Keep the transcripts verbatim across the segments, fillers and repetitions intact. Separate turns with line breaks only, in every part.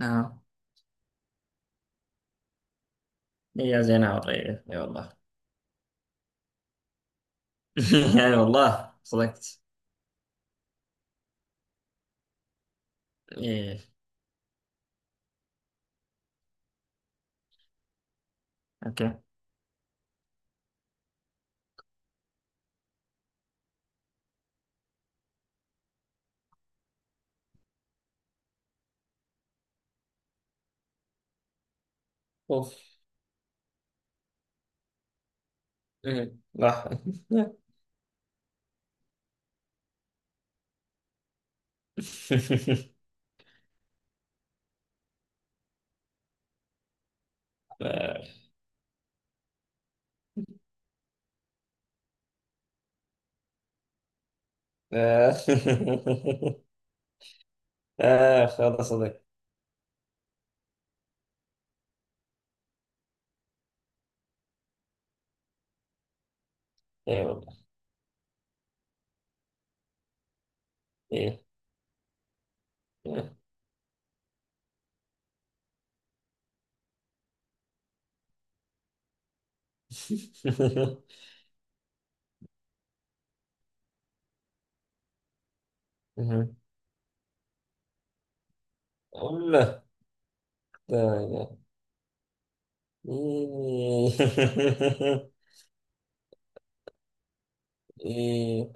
اه، يا زين عوض ايه، اي والله. اي والله صدقت. ايه. اوكي. اوف. إيه. لا. آه. آه. اخ، هذا صدق. اي والله. ايه. والله. لا، لا. ايه.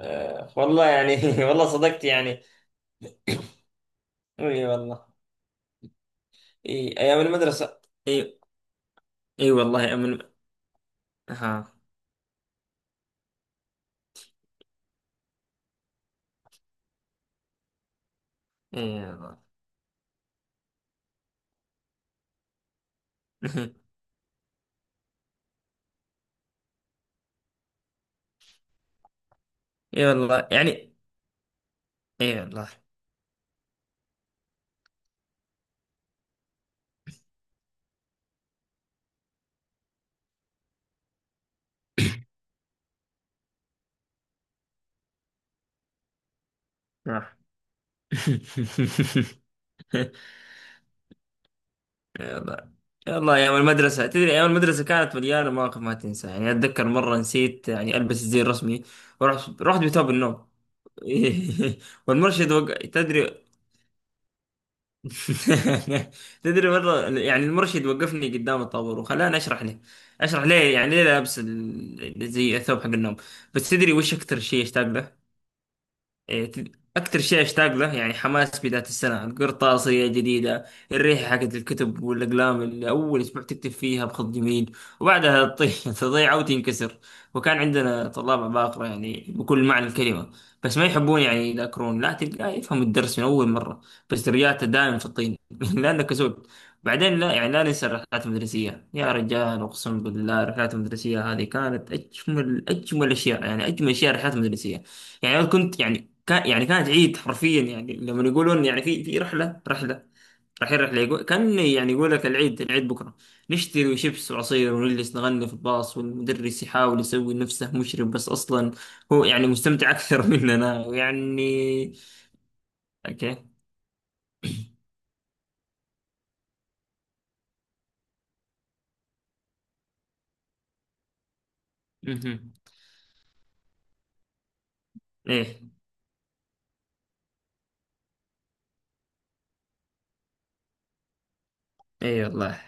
آه. والله يعني. والله صدقت يعني. اي والله. اي ايام المدرسة. اي. اي والله. ايام الم- ها. اي والله. اي والله يعني. اي والله. آه. اي والله. اي والله. ايام المدرسة، تدري، ايام المدرسة كانت مليانة مواقف ما تنسى. يعني اتذكر مرة نسيت يعني البس الزي الرسمي، ورحت رحت بثوب النوم. والمرشد وق... تدري. تدري مرة يعني المرشد وقفني قدام الطابور وخلاني اشرح له، اشرح ليه، يعني ليه لابس ال- زي الثوب حق النوم. بس تدري وش اكثر شيء اشتاق له؟ إيه، أكتر شيء أشتاق له يعني حماس بداية السنة، القرطاسية جديدة، الريحة حقت الكتب والأقلام اللي أول أسبوع تكتب فيها بخط جميل، وبعدها تطيح تضيع وتنكسر. وكان عندنا طلاب عباقرة يعني بكل معنى الكلمة، بس ما يحبون يعني يذاكرون، لا تلقاه يفهم الدرس من أول مرة، بس درجاته دائما في الطين لأنه كسول. بعدين لا يعني لا ننسى الرحلات المدرسية يا رجال، أقسم بالله الرحلات المدرسية هذه كانت أجمل أجمل أشياء، يعني أجمل أشياء الرحلات المدرسية. يعني أنا كنت يعني، كان يعني كانت عيد حرفيا، يعني لما يقولون يعني في في رحله رحله رايحين رحله، يقول كان يعني يقول لك العيد، العيد بكره. نشتري شيبس وعصير ونجلس نغني في الباص، والمدرس يحاول يسوي نفسه مشرف، بس اصلا هو يعني مستمتع اكثر مننا يعني. اوكي. مهم. ايه ايه والله.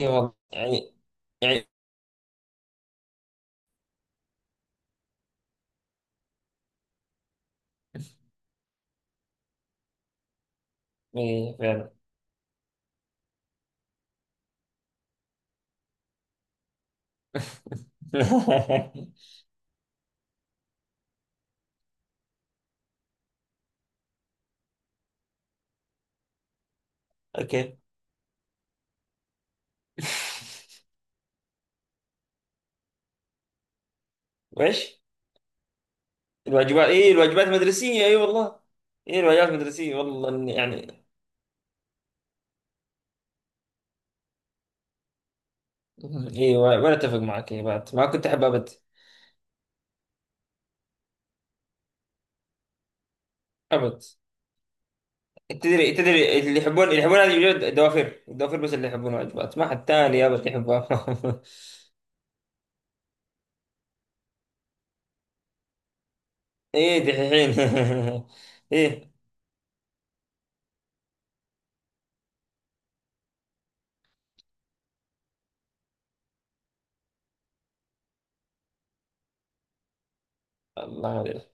ايه والله يعني. يعني. ايه فعلا. اوكي. وإيش؟ الواجبات، ايه الواجبات المدرسية، اي والله. ايه الواجبات المدرسية، والله إني يعني. اي وانا اتفق معك، يا بعد ما كنت احب ابد. ابد. تدري تدري، اللي يحبون اللي يحبون هذه الواجبات الدوافر، الدوافر بس اللي يحبون واجبات، ما حد تاني ابد يحبها. ايه دحين. ايه. الله عليك.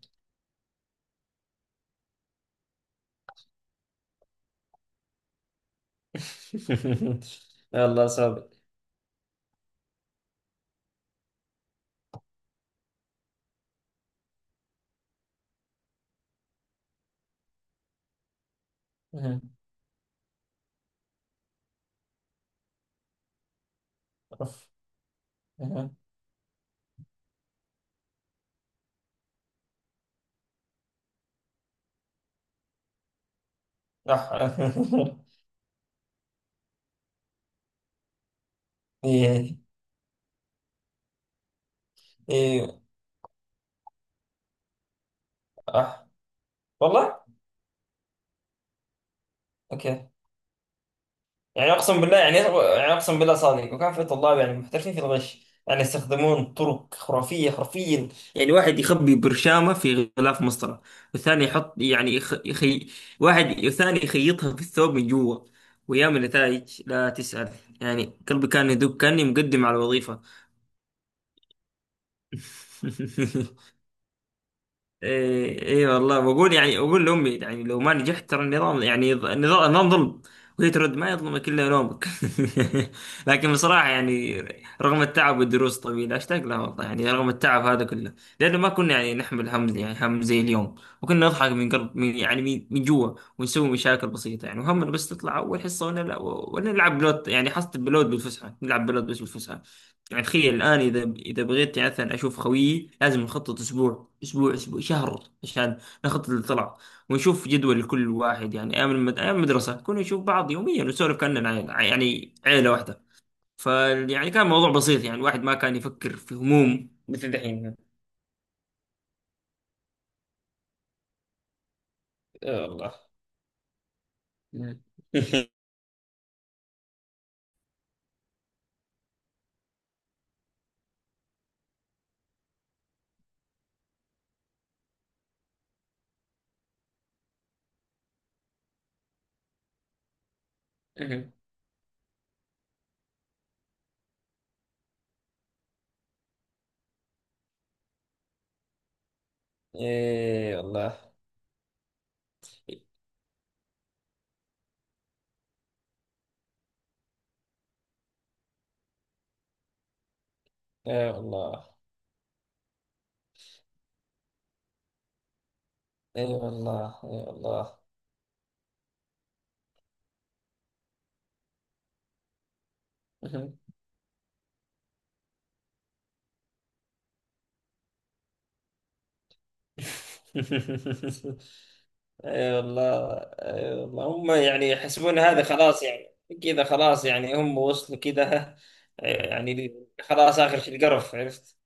يلا صابر. أوف. أه. اح. ايه ايه. اح. والله. اوكي. يعني اقسم بالله يعني، يعني اقسم بالله صادق. وكان في طلاب يعني محترفين في الغش، يعني يستخدمون طرق خرافيه حرفيا. يعني واحد يخبي برشامه في غلاف مسطره، والثاني يحط يعني يخ... يخي... واحد، والثاني يخيطها في الثوب من جوا، ويعمل نتائج لا تسأل. يعني قلبي كان يدق كاني مقدم على الوظيفه. ايه ايه والله. بقول يعني اقول لامي يعني لو ما نجحت ترى النظام يعني، ض- النظام، النظام ظلم. وهي ترد ما يظلمك الا نومك. لكن بصراحه يعني رغم التعب والدروس الطويله اشتاق لها والله، يعني رغم التعب هذا كله، لانه ما كنا يعني نحمل هم، يعني هم زي اليوم. وكنا نضحك من قلب، من يعني، من من جوا، ونسوي مشاكل بسيطه. يعني وهمنا بس تطلع اول حصه ونلعب ونلعب بلوت، يعني حصه بلوت بالفسحه، نلعب بلوت بس بالفسحه. يعني تخيل الآن إذا إذا بغيت يعني مثلا أشوف خويي، لازم نخطط أسبوع أسبوع أسبوع شهر عشان نخطط للطلعة، ونشوف جدول لكل واحد. يعني أيام المد... أيام المدرسة كنا نشوف بعض يوميا ونسولف كأننا عيلة، يعني عيلة واحدة. ف يعني كان موضوع بسيط، يعني الواحد ما كان يفكر في هموم مثل دحين. يا الله. ايه والله. ايه والله. ايه والله. ايه والله. اي والله. اي والله هم يعني يحسبون هذا خلاص يعني، كذا خلاص، يعني هم وصلوا كذا يعني. خلاص اخر شيء القرف، عرفت.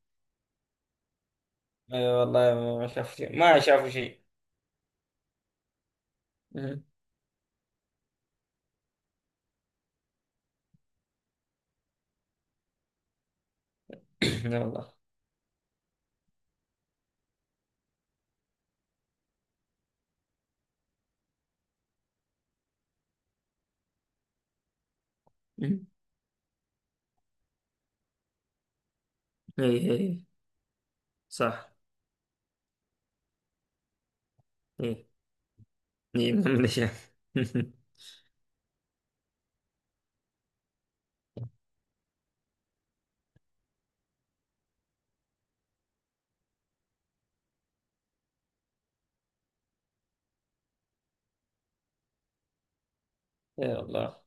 اي والله، ما شافوا شيء، ما شافوا شيء. مم. اي والله. مم. ايه ايه. صح. ايه ايه. ما من شاف. اي والله.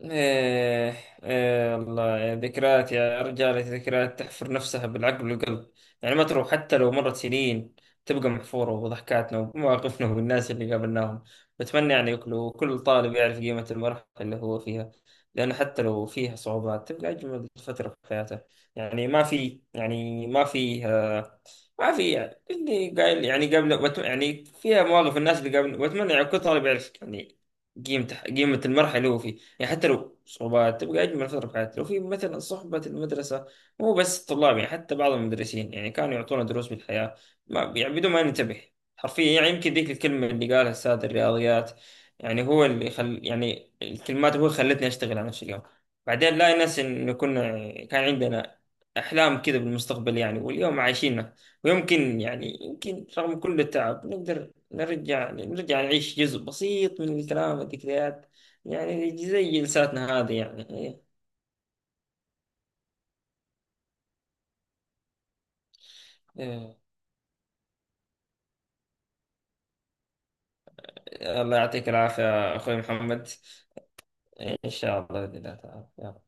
إيه. إيه والله يا ذكريات، يا رجال ذكريات تحفر نفسها بالعقل والقلب. يعني ما تروح حتى لو مرت سنين، تبقى محفورة، وضحكاتنا ومواقفنا والناس اللي قابلناهم. بتمنى يعني كل كل طالب يعرف قيمة المرحلة اللي هو فيها، لأن حتى لو فيها صعوبات تبقى أجمل فترة في حياته. يعني ما في يعني ما في، ما في يعني اللي قايل يعني قبل بت- يعني فيها مواقف الناس اللي قبل، واتمنى يعني كل طالب يعرف يعني قيمته، قيمة المرحلة اللي هو فيه، يعني حتى لو صعوبات تبقى أجمل فترة في حياتي لو في مثلا صحبة المدرسة. مو بس الطلاب، يعني حتى بعض المدرسين يعني كانوا يعطونا دروس بالحياة، ما يعني بدون ما ننتبه، حرفيا. يعني يمكن ذيك الكلمة اللي قالها أستاذ الرياضيات، يعني هو اللي خل يعني، الكلمات هو اللي خلتني أشتغل على نفسي اليوم. بعدين لا ننسى إنه كنا كان عندنا أحلام كذا بالمستقبل، يعني واليوم عايشين. ويمكن يعني، يمكن رغم كل التعب نقدر نرجع نرجع نعيش جزء بسيط من الكلام والذكريات، يعني زي جلساتنا هذه يعني. إيه. إيه. الله يعطيك العافية أخوي محمد. إيه، إن شاء الله بإذن الله تعالى، يلا.